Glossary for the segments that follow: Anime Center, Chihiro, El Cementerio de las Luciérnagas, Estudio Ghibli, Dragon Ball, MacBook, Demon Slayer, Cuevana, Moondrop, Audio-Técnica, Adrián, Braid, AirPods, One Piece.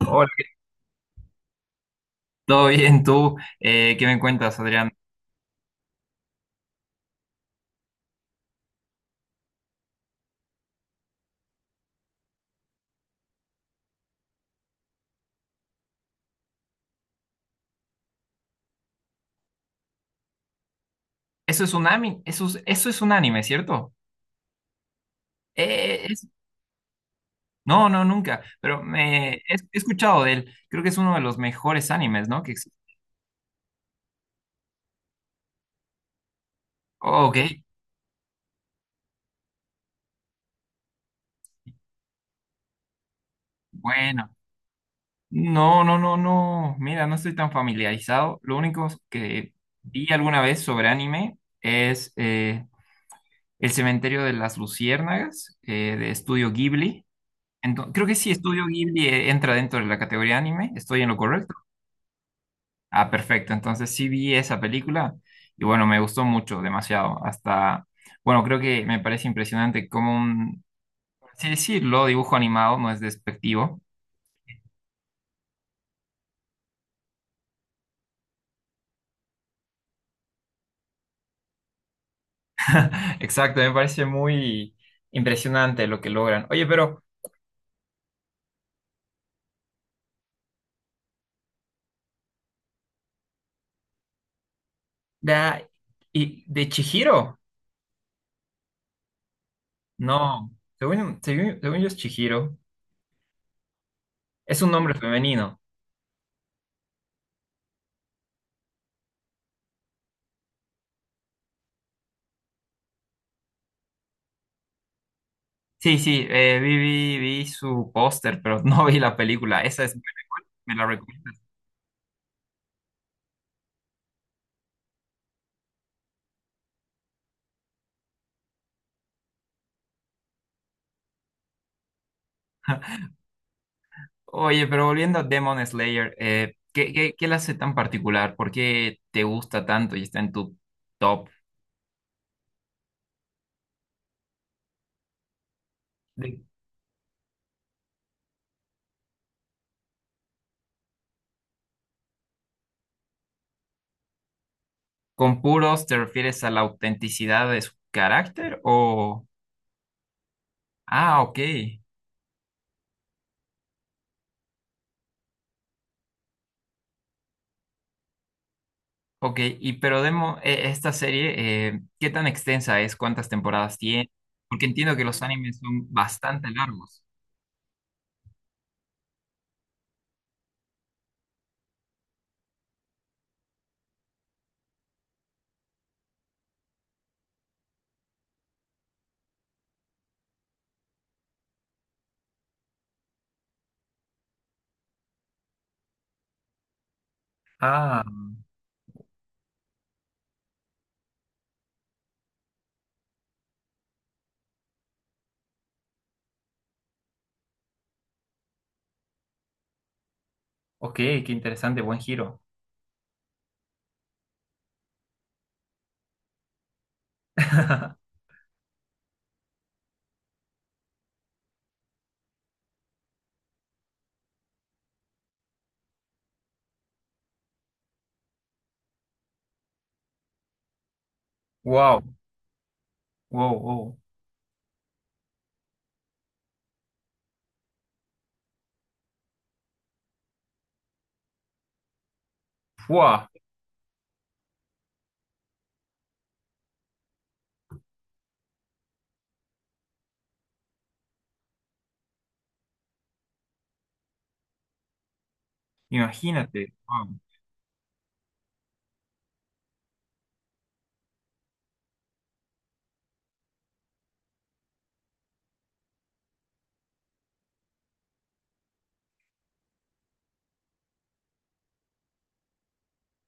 Hola, ¿todo bien tú? ¿Qué me cuentas, Adrián? Eso es un anime, eso es un anime, ¿cierto? Eh, es- no, no, nunca, pero he escuchado de él. Creo que es uno de los mejores animes, ¿no? Que existe. Ok, bueno. No, no, no, no. Mira, no estoy tan familiarizado. Lo único que vi alguna vez sobre anime es El Cementerio de las Luciérnagas, de Estudio Ghibli. Creo que sí, Estudio Ghibli entra dentro de la categoría anime. ¿Estoy en lo correcto? Ah, perfecto. Entonces sí vi esa película y bueno, me gustó mucho, demasiado. Hasta, bueno, creo que me parece impresionante como un, por así decirlo, dibujo animado, no es despectivo. Exacto, me parece muy impresionante lo que logran. Oye, pero la, y, de Chihiro, no, según yo es Chihiro, es un nombre femenino. Sí, sí, vi su póster, pero no vi la película. Esa es, ¿me la recomiendas? Oye, pero volviendo a Demon Slayer, ¿qué la hace tan particular? ¿Por qué te gusta tanto y está en tu top? De- ¿Con puros te refieres a la autenticidad de su carácter o...? Ah, ok, ok. Y pero Demon, esta serie, ¿qué tan extensa es? ¿Cuántas temporadas tiene? Porque entiendo que los animes son bastante largos. Ah, ok, qué interesante, buen giro. Wow, wow, wow. Fua, imagínate.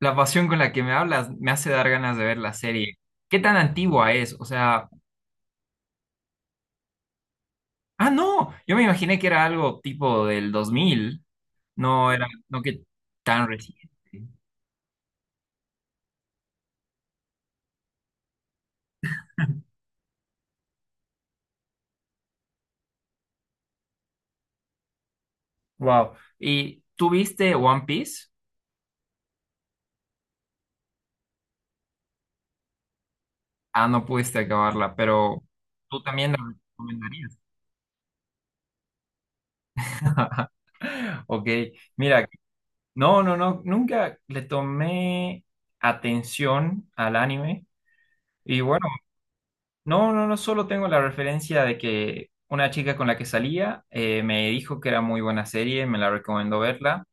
La pasión con la que me hablas me hace dar ganas de ver la serie. ¿Qué tan antigua es? O sea, ah, no, yo me imaginé que era algo tipo del 2000. No era, no que tan reciente. Wow. ¿Y tú viste One Piece? Ah, no pudiste acabarla, pero tú también la recomendarías. Ok, mira, no, no, no, nunca le tomé atención al anime. Y bueno, no, no, no solo tengo la referencia de que una chica con la que salía me dijo que era muy buena serie, me la recomendó verla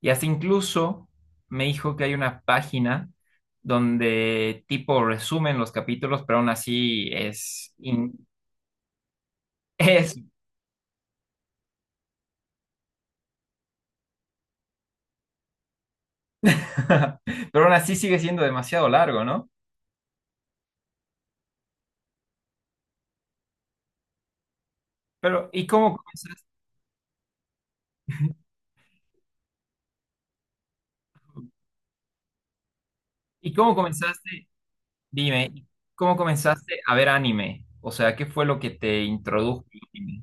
y hasta incluso me dijo que hay una página donde tipo resumen los capítulos, pero aún así es, pero aún así sigue siendo demasiado largo, ¿no? Pero ¿y cómo comenzaste? ¿Y cómo comenzaste? Dime, ¿cómo comenzaste a ver anime? O sea, ¿qué fue lo que te introdujo al anime?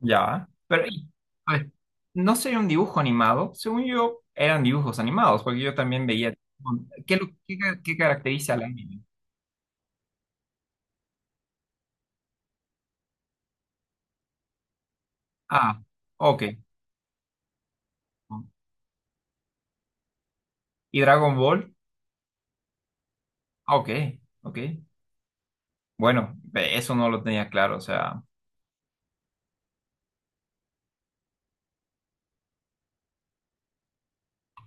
Ya. Pero, y, a ver, no sería un dibujo animado. Según yo, eran dibujos animados, porque yo también veía. ¿Qué, lo- qué, ca- ¿Qué caracteriza al anime? Ah, ok. ¿Y Dragon Ball? Ah, ok, ok. Bueno, ve, eso no lo tenía claro, o sea.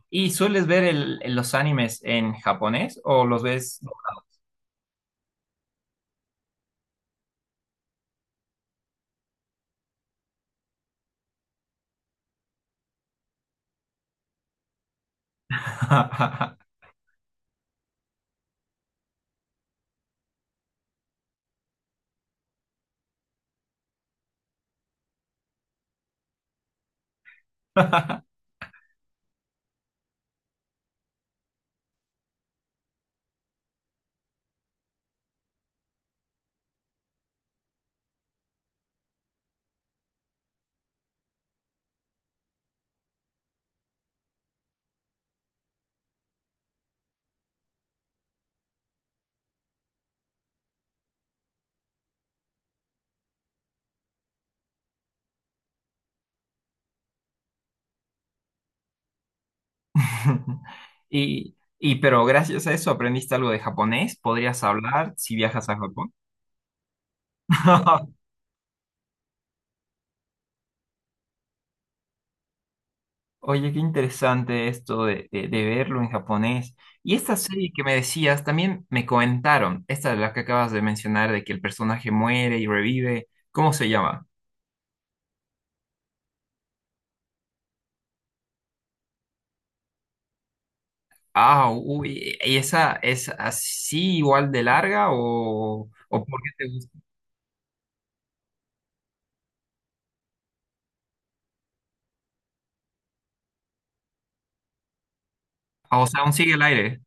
¿Y sueles ver los animes en japonés o los ves? Y pero gracias a eso aprendiste algo de japonés, ¿podrías hablar si viajas a Japón? Oye, qué interesante esto de verlo en japonés. Y esta serie que me decías, también me comentaron, esta de la que acabas de mencionar, de que el personaje muere y revive. ¿Cómo se llama? Ah, uy, ¿y esa es así igual de larga o por qué te gusta? Ah, o sea, aún sigue el aire.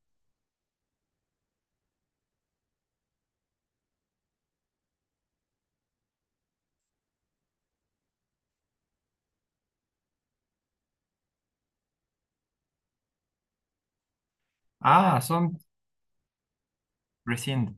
Ah, son recientes.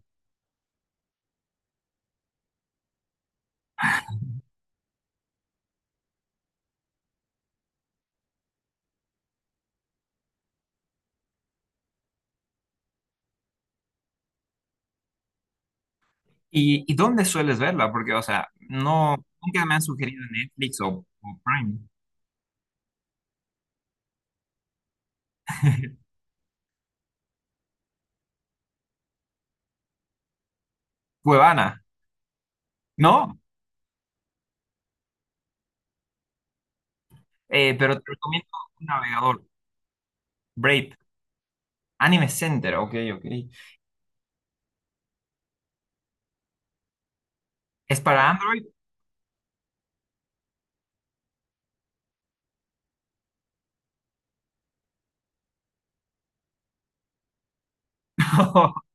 Y dónde sueles verla? Porque, o sea, no, nunca me han sugerido Netflix o Prime. Cuevana, ¿no? Pero te recomiendo un navegador. Braid, Anime Center, ok, ok. ¿Es para Android?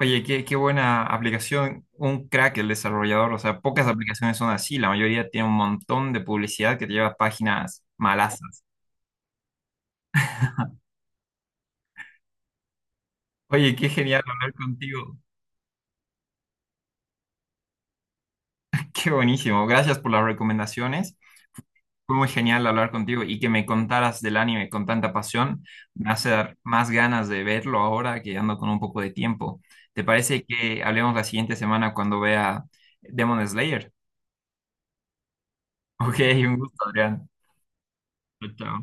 Oye, qué, qué buena aplicación, un crack el desarrollador, o sea, pocas aplicaciones son así, la mayoría tiene un montón de publicidad que te lleva a páginas malasas. Oye, qué genial hablar contigo, qué buenísimo, gracias por las recomendaciones, fue muy genial hablar contigo y que me contaras del anime con tanta pasión, me hace dar más ganas de verlo ahora que ando con un poco de tiempo. ¿Te parece que hablemos la siguiente semana cuando vea Demon Slayer? Ok, un gusto, Adrián. Chao, chao.